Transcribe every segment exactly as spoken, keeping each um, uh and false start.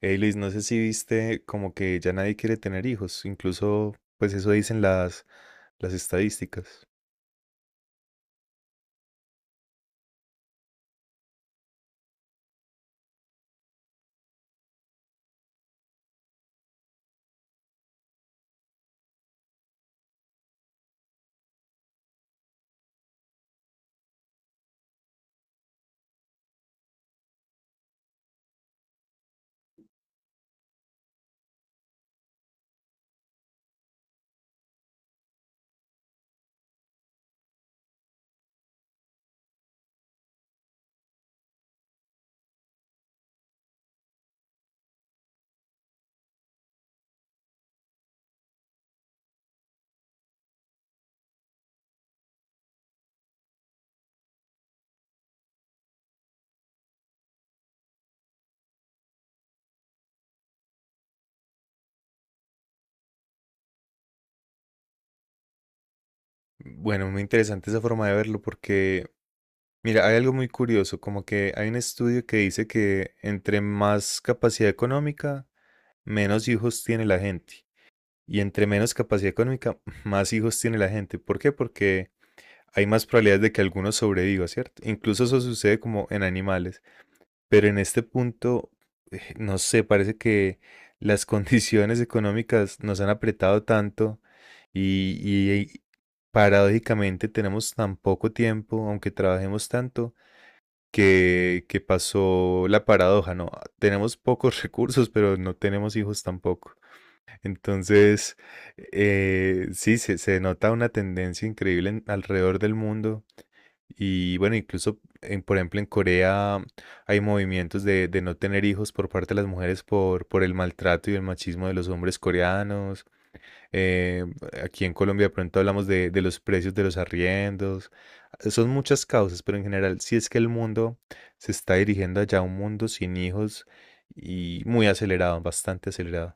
Hey Luis, no sé si viste como que ya nadie quiere tener hijos, incluso pues eso dicen las, las estadísticas. Bueno, muy interesante esa forma de verlo porque, mira, hay algo muy curioso, como que hay un estudio que dice que entre más capacidad económica, menos hijos tiene la gente. Y entre menos capacidad económica, más hijos tiene la gente. ¿Por qué? Porque hay más probabilidades de que alguno sobreviva, ¿cierto? Incluso eso sucede como en animales. Pero en este punto, eh, no sé, parece que las condiciones económicas nos han apretado tanto y, y paradójicamente tenemos tan poco tiempo, aunque trabajemos tanto, que, que pasó la paradoja, ¿no? Tenemos pocos recursos, pero no tenemos hijos tampoco. Entonces, eh, sí, se, se nota una tendencia increíble en- alrededor del mundo y bueno, incluso, en, por ejemplo, en Corea hay movimientos de, de no tener hijos por parte de las mujeres por, por el maltrato y el machismo de los hombres coreanos. Eh, aquí en Colombia de pronto hablamos de, de los precios de los arriendos. Son muchas causas, pero en general sí es que el mundo se está dirigiendo allá a un mundo sin hijos y muy acelerado, bastante acelerado.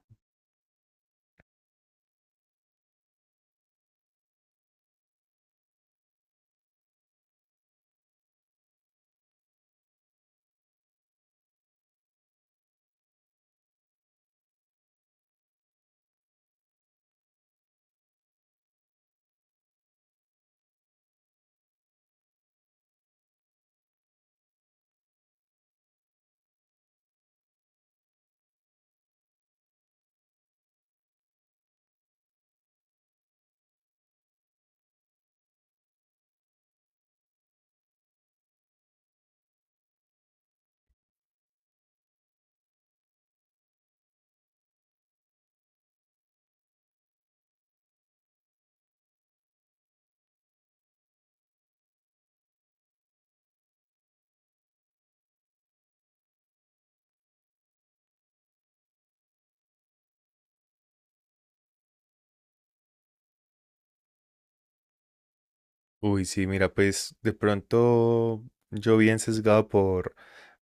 Uy, sí, mira, pues de pronto yo bien sesgado por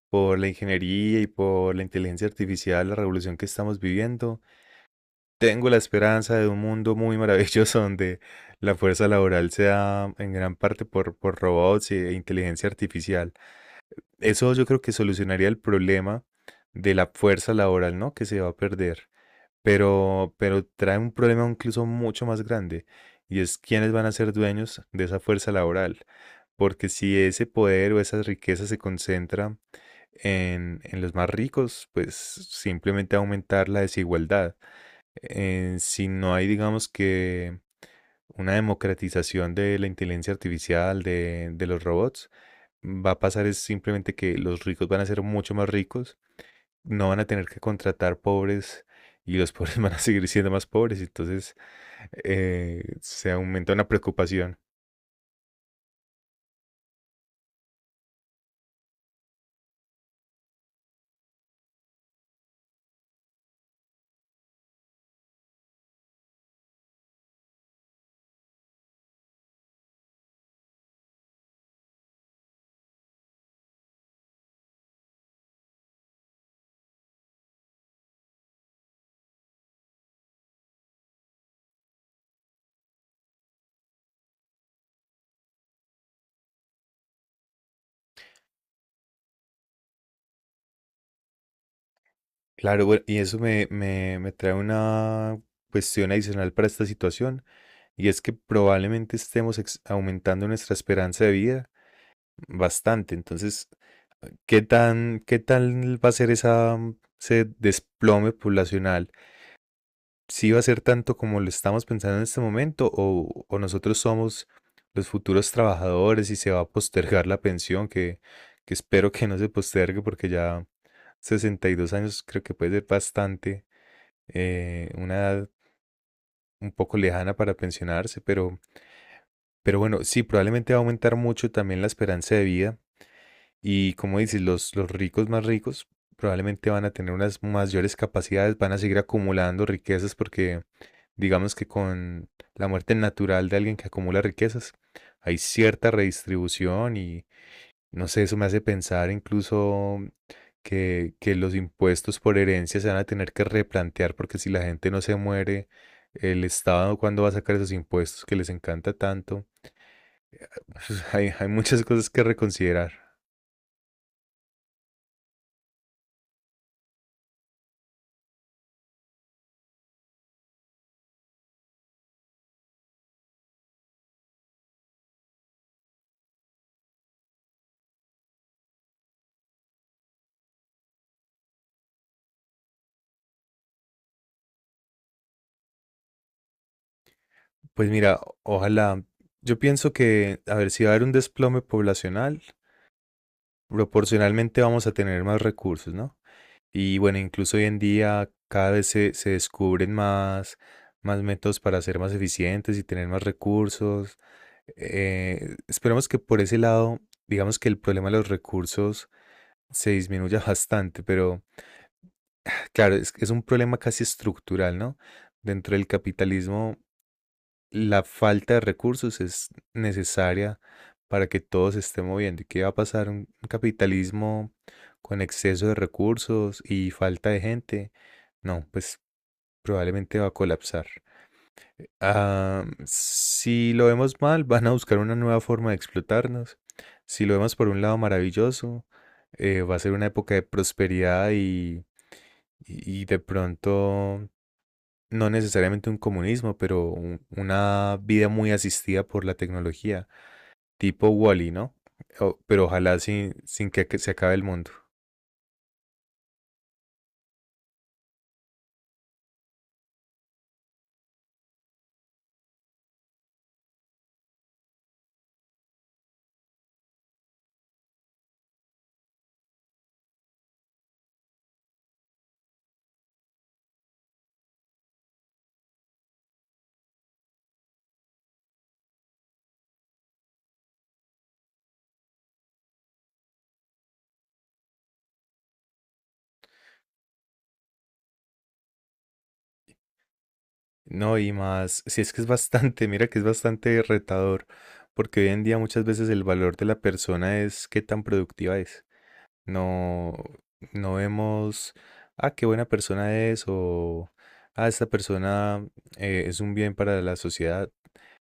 por la ingeniería y por la inteligencia artificial, la revolución que estamos viviendo. Tengo la esperanza de un mundo muy maravilloso donde la fuerza laboral sea en gran parte por, por robots e inteligencia artificial. Eso yo creo que solucionaría el problema de la fuerza laboral, ¿no? Que se va a perder. Pero, pero trae un problema incluso mucho más grande y es quiénes van a ser dueños de esa fuerza laboral. Porque si ese poder o esa riqueza se concentra en, en los más ricos, pues simplemente aumentar la desigualdad. Eh, si no hay, digamos que una democratización de la inteligencia artificial, de, de los robots, va a pasar es simplemente que los ricos van a ser mucho más ricos, no van a tener que contratar pobres y los pobres van a seguir siendo más pobres. Entonces, eh, se aumenta una preocupación. Claro, bueno, y eso me, me, me trae una cuestión adicional para esta situación, y es que probablemente estemos ex- aumentando nuestra esperanza de vida bastante. Entonces, ¿qué tan, ¿qué tal va a ser esa, ese desplome poblacional? ¿Sí va a ser tanto como lo estamos pensando en este momento, o, o nosotros somos los futuros trabajadores y se va a postergar la pensión, que, que espero que no se postergue porque ya sesenta y dos años creo que puede ser bastante eh, una edad un poco lejana para pensionarse, pero, pero bueno, sí, probablemente va a aumentar mucho también la esperanza de vida y como dices, los, los ricos más ricos probablemente van a tener unas mayores capacidades, van a seguir acumulando riquezas porque digamos que con la muerte natural de alguien que acumula riquezas hay cierta redistribución y no sé, eso me hace pensar incluso que, que los impuestos por herencia se van a tener que replantear porque si la gente no se muere, el Estado cuándo va a sacar esos impuestos que les encanta tanto. Hay, hay muchas cosas que reconsiderar. Pues mira, ojalá, yo pienso que, a ver, si va a haber un desplome poblacional, proporcionalmente vamos a tener más recursos, ¿no? Y bueno, incluso hoy en día cada vez se, se descubren más, más métodos para ser más eficientes y tener más recursos. Eh, esperemos que por ese lado, digamos que el problema de los recursos se disminuya bastante, pero claro, es, es un problema casi estructural, ¿no? Dentro del capitalismo la falta de recursos es necesaria para que todo se esté moviendo. ¿Y qué va a pasar? Un capitalismo con exceso de recursos y falta de gente. No, pues probablemente va a colapsar. Ah, si lo vemos mal, van a buscar una nueva forma de explotarnos. Si lo vemos por un lado maravilloso, eh, va a ser una época de prosperidad y, y- y de pronto no necesariamente un comunismo, pero un- una vida muy asistida por la tecnología, tipo Wall-E, ¿no? O- pero ojalá sin, sin que, que se acabe el mundo. No, y más, si es que es bastante, mira que es bastante retador, porque hoy en día muchas veces el valor de la persona es qué tan productiva es. No, no vemos, ah, qué buena persona es, o, ah, esta persona eh, es un bien para la sociedad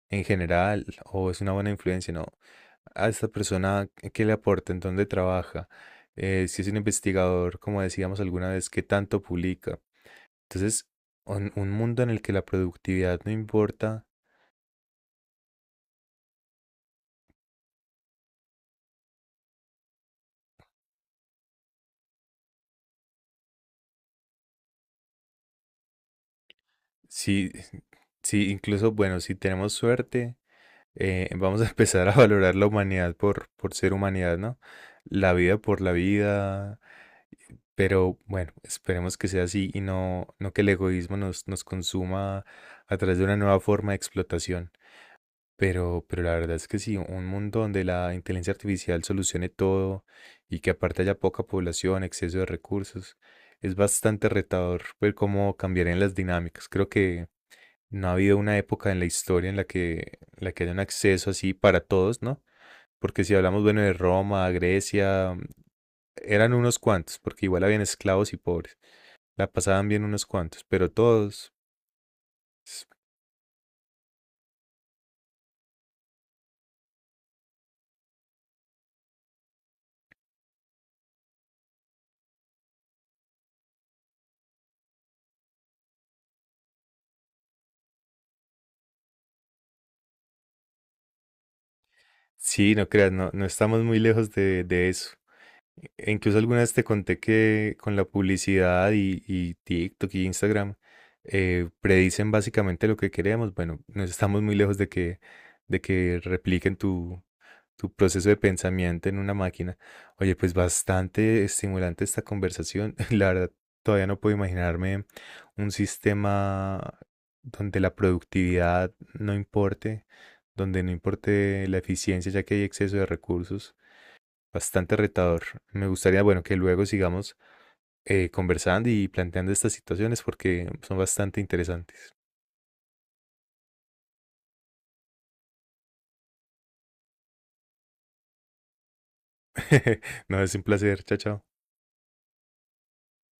en general, o es una buena influencia, no. A esta persona qué le aporta, en dónde trabaja, eh, si es un investigador, como decíamos alguna vez, qué tanto publica. Entonces, un, un mundo en el que la productividad no importa, si, si incluso, bueno, si tenemos suerte, eh, vamos a empezar a valorar la humanidad por, por ser humanidad, ¿no? La vida por la vida, pero bueno, esperemos que sea así y no, no que el egoísmo nos, nos consuma a través de una nueva forma de explotación. Pero, pero la verdad es que sí, un mundo donde la inteligencia artificial solucione todo y que aparte haya poca población, exceso de recursos, es bastante retador ver cómo cambiarían las dinámicas. Creo que no ha habido una época en la historia en la que, en la que haya un acceso así para todos, ¿no? Porque si hablamos, bueno, de Roma, Grecia, eran unos cuantos, porque igual habían esclavos y pobres, la pasaban bien unos cuantos, pero todos, sí, no creas, no, no estamos muy lejos de de eso. E- Incluso alguna vez te conté que con la publicidad y, y TikTok y Instagram eh, predicen básicamente lo que queremos. Bueno, no estamos muy lejos de que, de que repliquen tu, tu proceso de pensamiento en una máquina. Oye, pues bastante estimulante esta conversación. La verdad, todavía no puedo imaginarme un sistema donde la productividad no importe, donde no importe la eficiencia, ya que hay exceso de recursos. Bastante retador. Me gustaría, bueno, que luego sigamos eh, conversando y planteando estas situaciones porque son bastante interesantes. No, es un placer. Chao, chao.